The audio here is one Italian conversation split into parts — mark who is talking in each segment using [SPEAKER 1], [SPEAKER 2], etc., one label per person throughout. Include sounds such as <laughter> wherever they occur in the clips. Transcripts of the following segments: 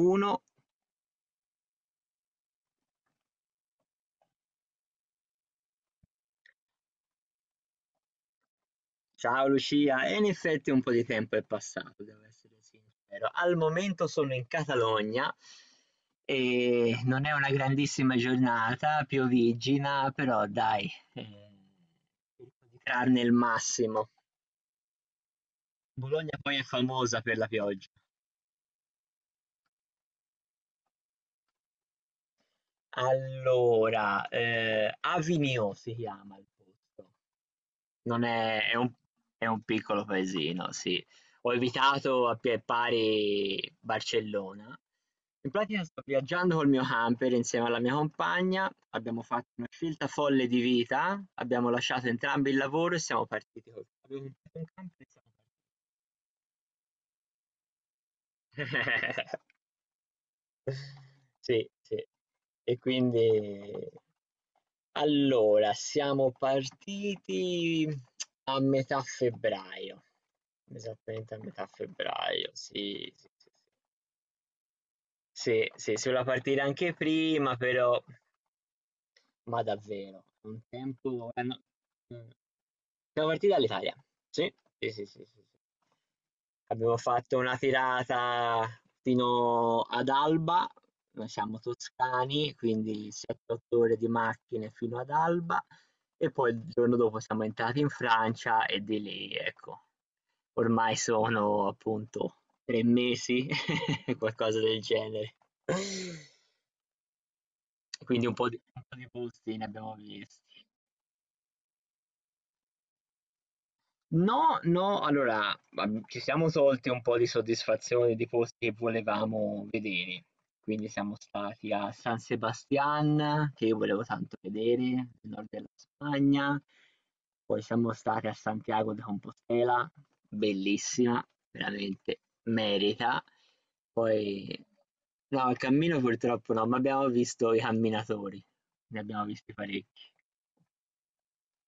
[SPEAKER 1] Uno, ciao Lucia, e in effetti un po' di tempo è passato, devo essere sincero. Al momento sono in Catalogna e non è una grandissima giornata, pioviggina, però dai, cerco di trarne il massimo. Bologna poi è famosa per la pioggia. Allora, Avinio si chiama il posto. Non è è un piccolo paesino, sì. Ho evitato a piè pari Barcellona. In pratica sto viaggiando col mio camper insieme alla mia compagna, abbiamo fatto una scelta folle di vita, abbiamo lasciato entrambi il lavoro e siamo partiti col abbiamo comprato un camper e siamo partiti. <laughs> Sì, sì. E quindi Allora, siamo partiti a metà febbraio, esattamente a metà febbraio, sì, sì, sì, sì, sì, sì, si voleva partire anche prima, però, ma davvero, è un tempo... no, mm. Siamo partiti dall'Italia, sì, sì, sì, sì, sì, sì. Abbiamo fatto una tirata fino ad Alba, noi siamo toscani, quindi 7-8 ore di macchine fino ad Alba e poi il giorno dopo siamo entrati in Francia e di lì, ecco, ormai sono appunto 3 mesi, <laughs> qualcosa del genere. Quindi un po' di posti ne abbiamo visti. No, no, allora, ab ci siamo tolti un po' di soddisfazione di posti che volevamo vedere. Quindi siamo stati a San Sebastian, che io volevo tanto vedere, nel nord della Spagna, poi siamo stati a Santiago de Compostela, bellissima, veramente merita. Poi no, il cammino purtroppo no, ma abbiamo visto i camminatori, ne abbiamo visti parecchi.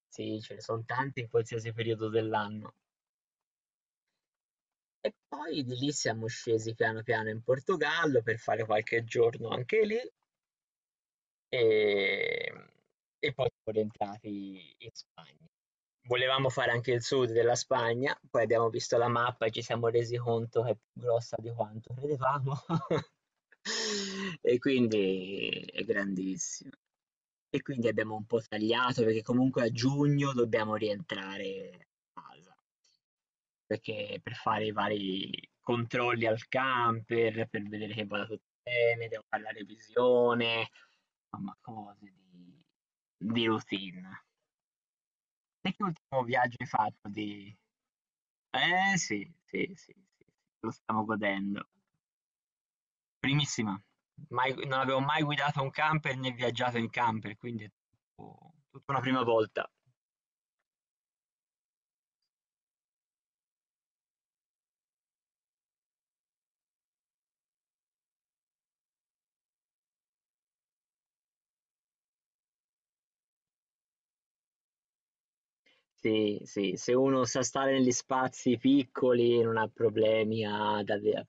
[SPEAKER 1] Sì, ce ne son tanti in qualsiasi periodo dell'anno. E poi di lì siamo scesi piano piano in Portogallo per fare qualche giorno anche lì e, e poi siamo rientrati in Spagna. Volevamo fare anche il sud della Spagna, poi abbiamo visto la mappa e ci siamo resi conto che è più grossa di quanto credevamo <laughs> e quindi è grandissima. E quindi abbiamo un po' tagliato perché comunque a giugno dobbiamo rientrare a casa. Perché per fare i vari controlli al camper, per vedere che vada tutto bene, devo fare la revisione, insomma cose di routine. Te che ultimo viaggio hai fatto di? Eh sì, sì, sì, sì, lo stiamo godendo. Primissima, mai non avevo mai guidato un camper né viaggiato in camper, quindi è tutto tutta una prima volta. Sì, sì, se uno sa stare negli spazi piccoli e non ha problemi. Ad ave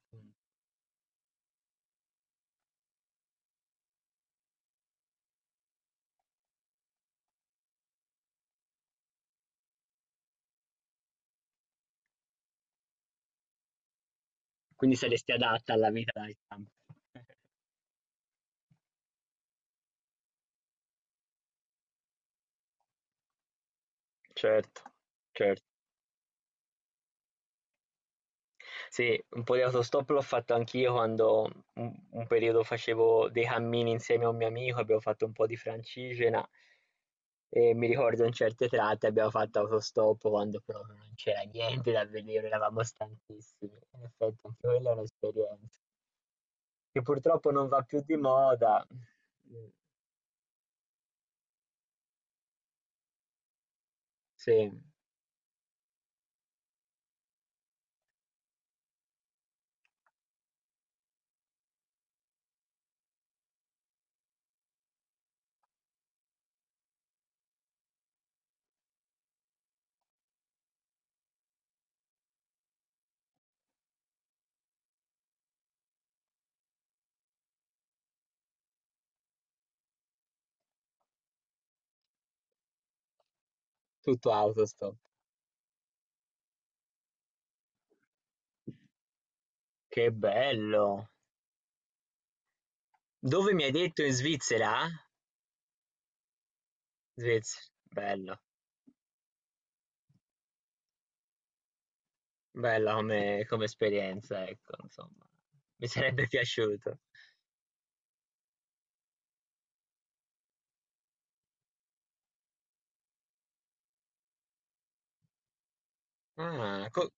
[SPEAKER 1] Quindi saresti adatta alla vita da camper. <laughs> Certo, certo. Sì, un po' di autostop l'ho fatto anch'io quando un periodo facevo dei cammini insieme a un mio amico, abbiamo fatto un po' di Francigena e mi ricordo in certe tratte abbiamo fatto autostop quando proprio non c'era niente da vedere, eravamo stanchissimi. In effetti anche quella è un'esperienza che purtroppo non va più di moda. Sì, tutto autostop. Che bello! Dove mi hai detto? In Svizzera? Svizzera, bello, bella come esperienza, ecco, insomma, mi sarebbe <laughs> piaciuto. Ah,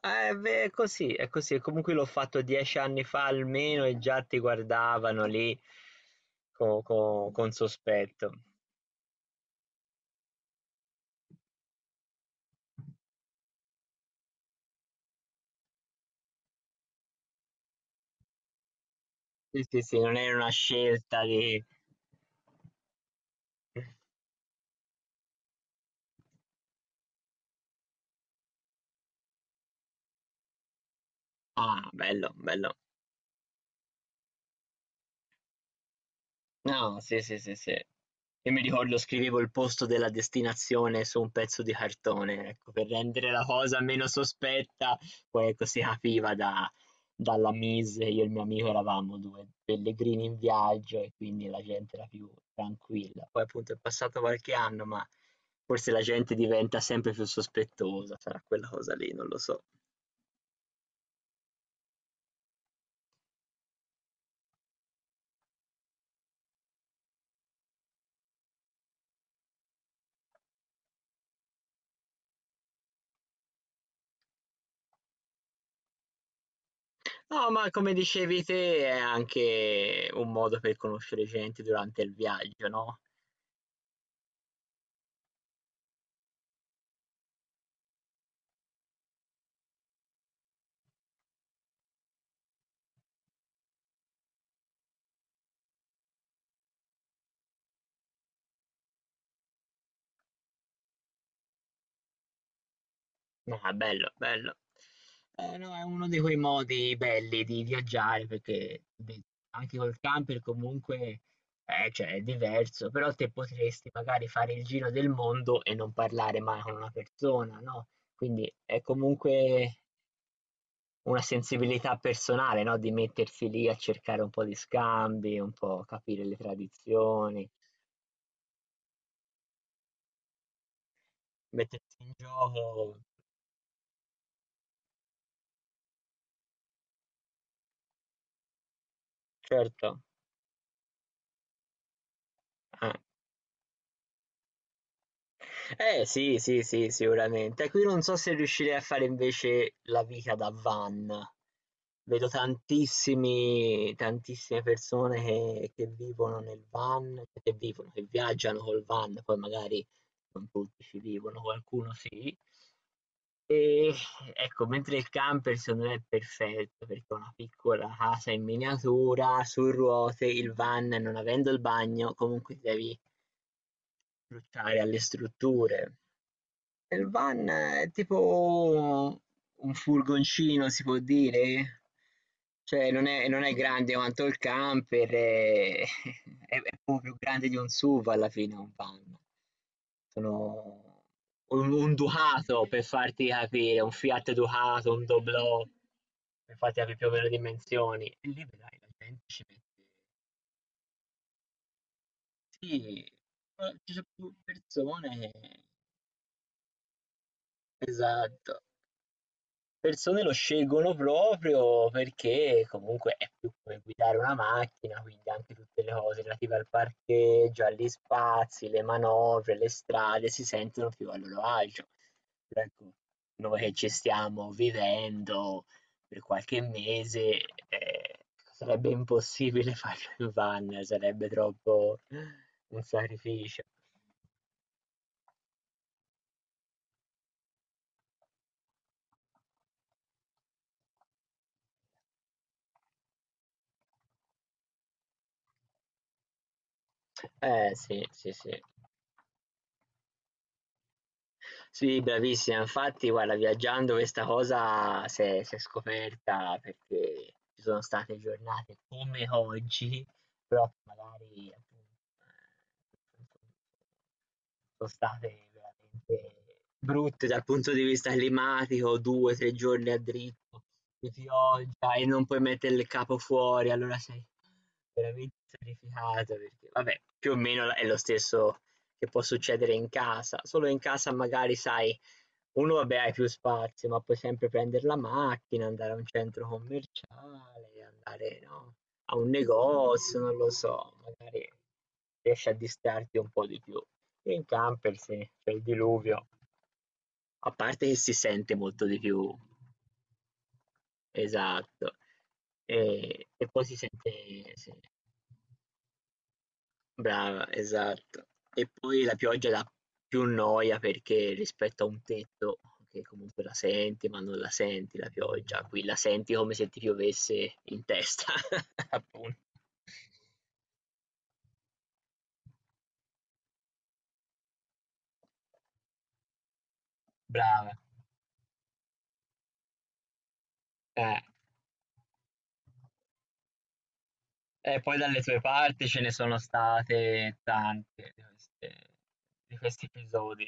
[SPEAKER 1] beh, è così, comunque l'ho fatto 10 anni fa almeno e già ti guardavano lì con sospetto. Sì, sì, sì, non era una scelta di... Ah, bello, bello. Ah, sì, sì, sì, sì. Io mi ricordo scrivevo il posto della destinazione su un pezzo di cartone, ecco, per rendere la cosa meno sospetta, poi ecco si capiva dalla mise, io e il mio amico eravamo due pellegrini in viaggio e quindi la gente era più tranquilla. Poi appunto è passato qualche anno, ma forse la gente diventa sempre più sospettosa, sarà quella cosa lì, non lo so. No, ma come dicevi te, è anche un modo per conoscere gente durante il viaggio, no? Ah, bello, bello. No, è uno di quei modi belli di viaggiare perché beh, anche col camper comunque cioè, è diverso, però te potresti magari fare il giro del mondo e non parlare mai con una persona, no? Quindi è comunque una sensibilità personale, no? Di mettersi lì a cercare un po' di scambi, un po' capire le tradizioni, mettersi in gioco, certo. Eh. Eh sì, sì, sì, sicuramente. Qui non so se riuscirei a fare invece la vita da van. Vedo tantissime persone che vivono nel van, che vivono, che viaggiano col van, poi magari non tutti ci vivono, qualcuno sì. E ecco, mentre il camper secondo me è perfetto perché è una piccola casa in miniatura, su ruote, il van non avendo il bagno, comunque ti devi approcciare alle strutture. Il van è tipo un furgoncino, si può dire? Cioè non è grande quanto il camper, è <laughs> è poco più grande di un SUV alla fine un van. Sono un Ducato per farti capire, un Fiat Ducato, un Doblò, per farti capì più o meno le dimensioni. E lì vedrai la gente ci mette sì, ma ci so' più persone esatto. Persone lo scelgono proprio perché comunque è più come guidare una macchina, quindi anche tutte le cose relative al parcheggio, agli spazi, le manovre, le strade si sentono più a loro agio. Però ecco, noi che ci stiamo vivendo per qualche mese, ehm, sarebbe impossibile <laughs> farlo in van, sarebbe troppo un sacrificio. Eh sì, sì, sì. Sì, bravissima. Infatti, guarda, viaggiando questa cosa s'è scoperta perché ci sono state giornate come oggi, però che magari appunto eh, sono state veramente brutte dal punto di vista climatico, 2, 3 giorni a dritto di pioggia e non puoi mettere il capo fuori, allora sei veramente sacrificato perché vabbè, più o meno è lo stesso che può succedere in casa, solo in casa magari sai, uno vabbè hai più spazio, ma puoi sempre prendere la macchina, andare a un centro commerciale, andare, no, a un negozio, non lo so, magari riesci a distrarti un po' di più. Sì, in camper, sì, c'è il diluvio. A parte che si sente molto di più, esatto. E poi si sente, sì. Brava, esatto. E poi la pioggia dà più noia perché rispetto a un tetto, che comunque la senti, ma non la senti la pioggia, qui la senti come se ti piovesse in testa, <laughs> appunto. Brava. Eh. Poi dalle tue parti ce ne sono state tante di di questi episodi.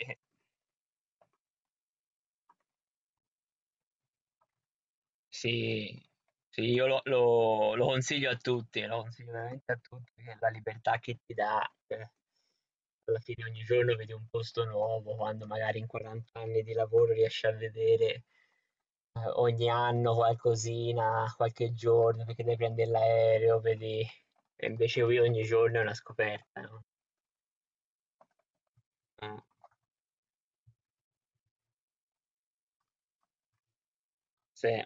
[SPEAKER 1] Sì, sì, io lo consiglio a tutti, lo consiglio veramente a tutti, che la libertà che ti dà, alla fine ogni giorno vedi un posto nuovo, quando magari in 40 anni di lavoro riesci a vedere ogni anno qualcosina, qualche giorno, perché devi prendere l'aereo, vedi... E invece qui ogni giorno è una scoperta, no? Eh. Sì.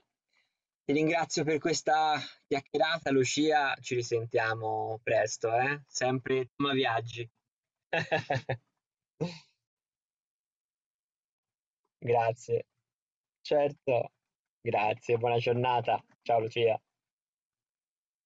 [SPEAKER 1] Ti ringrazio per questa chiacchierata Lucia, ci risentiamo presto, eh. Sempre tema viaggi. <laughs> Grazie. Certo. Grazie, buona giornata. Ciao Lucia.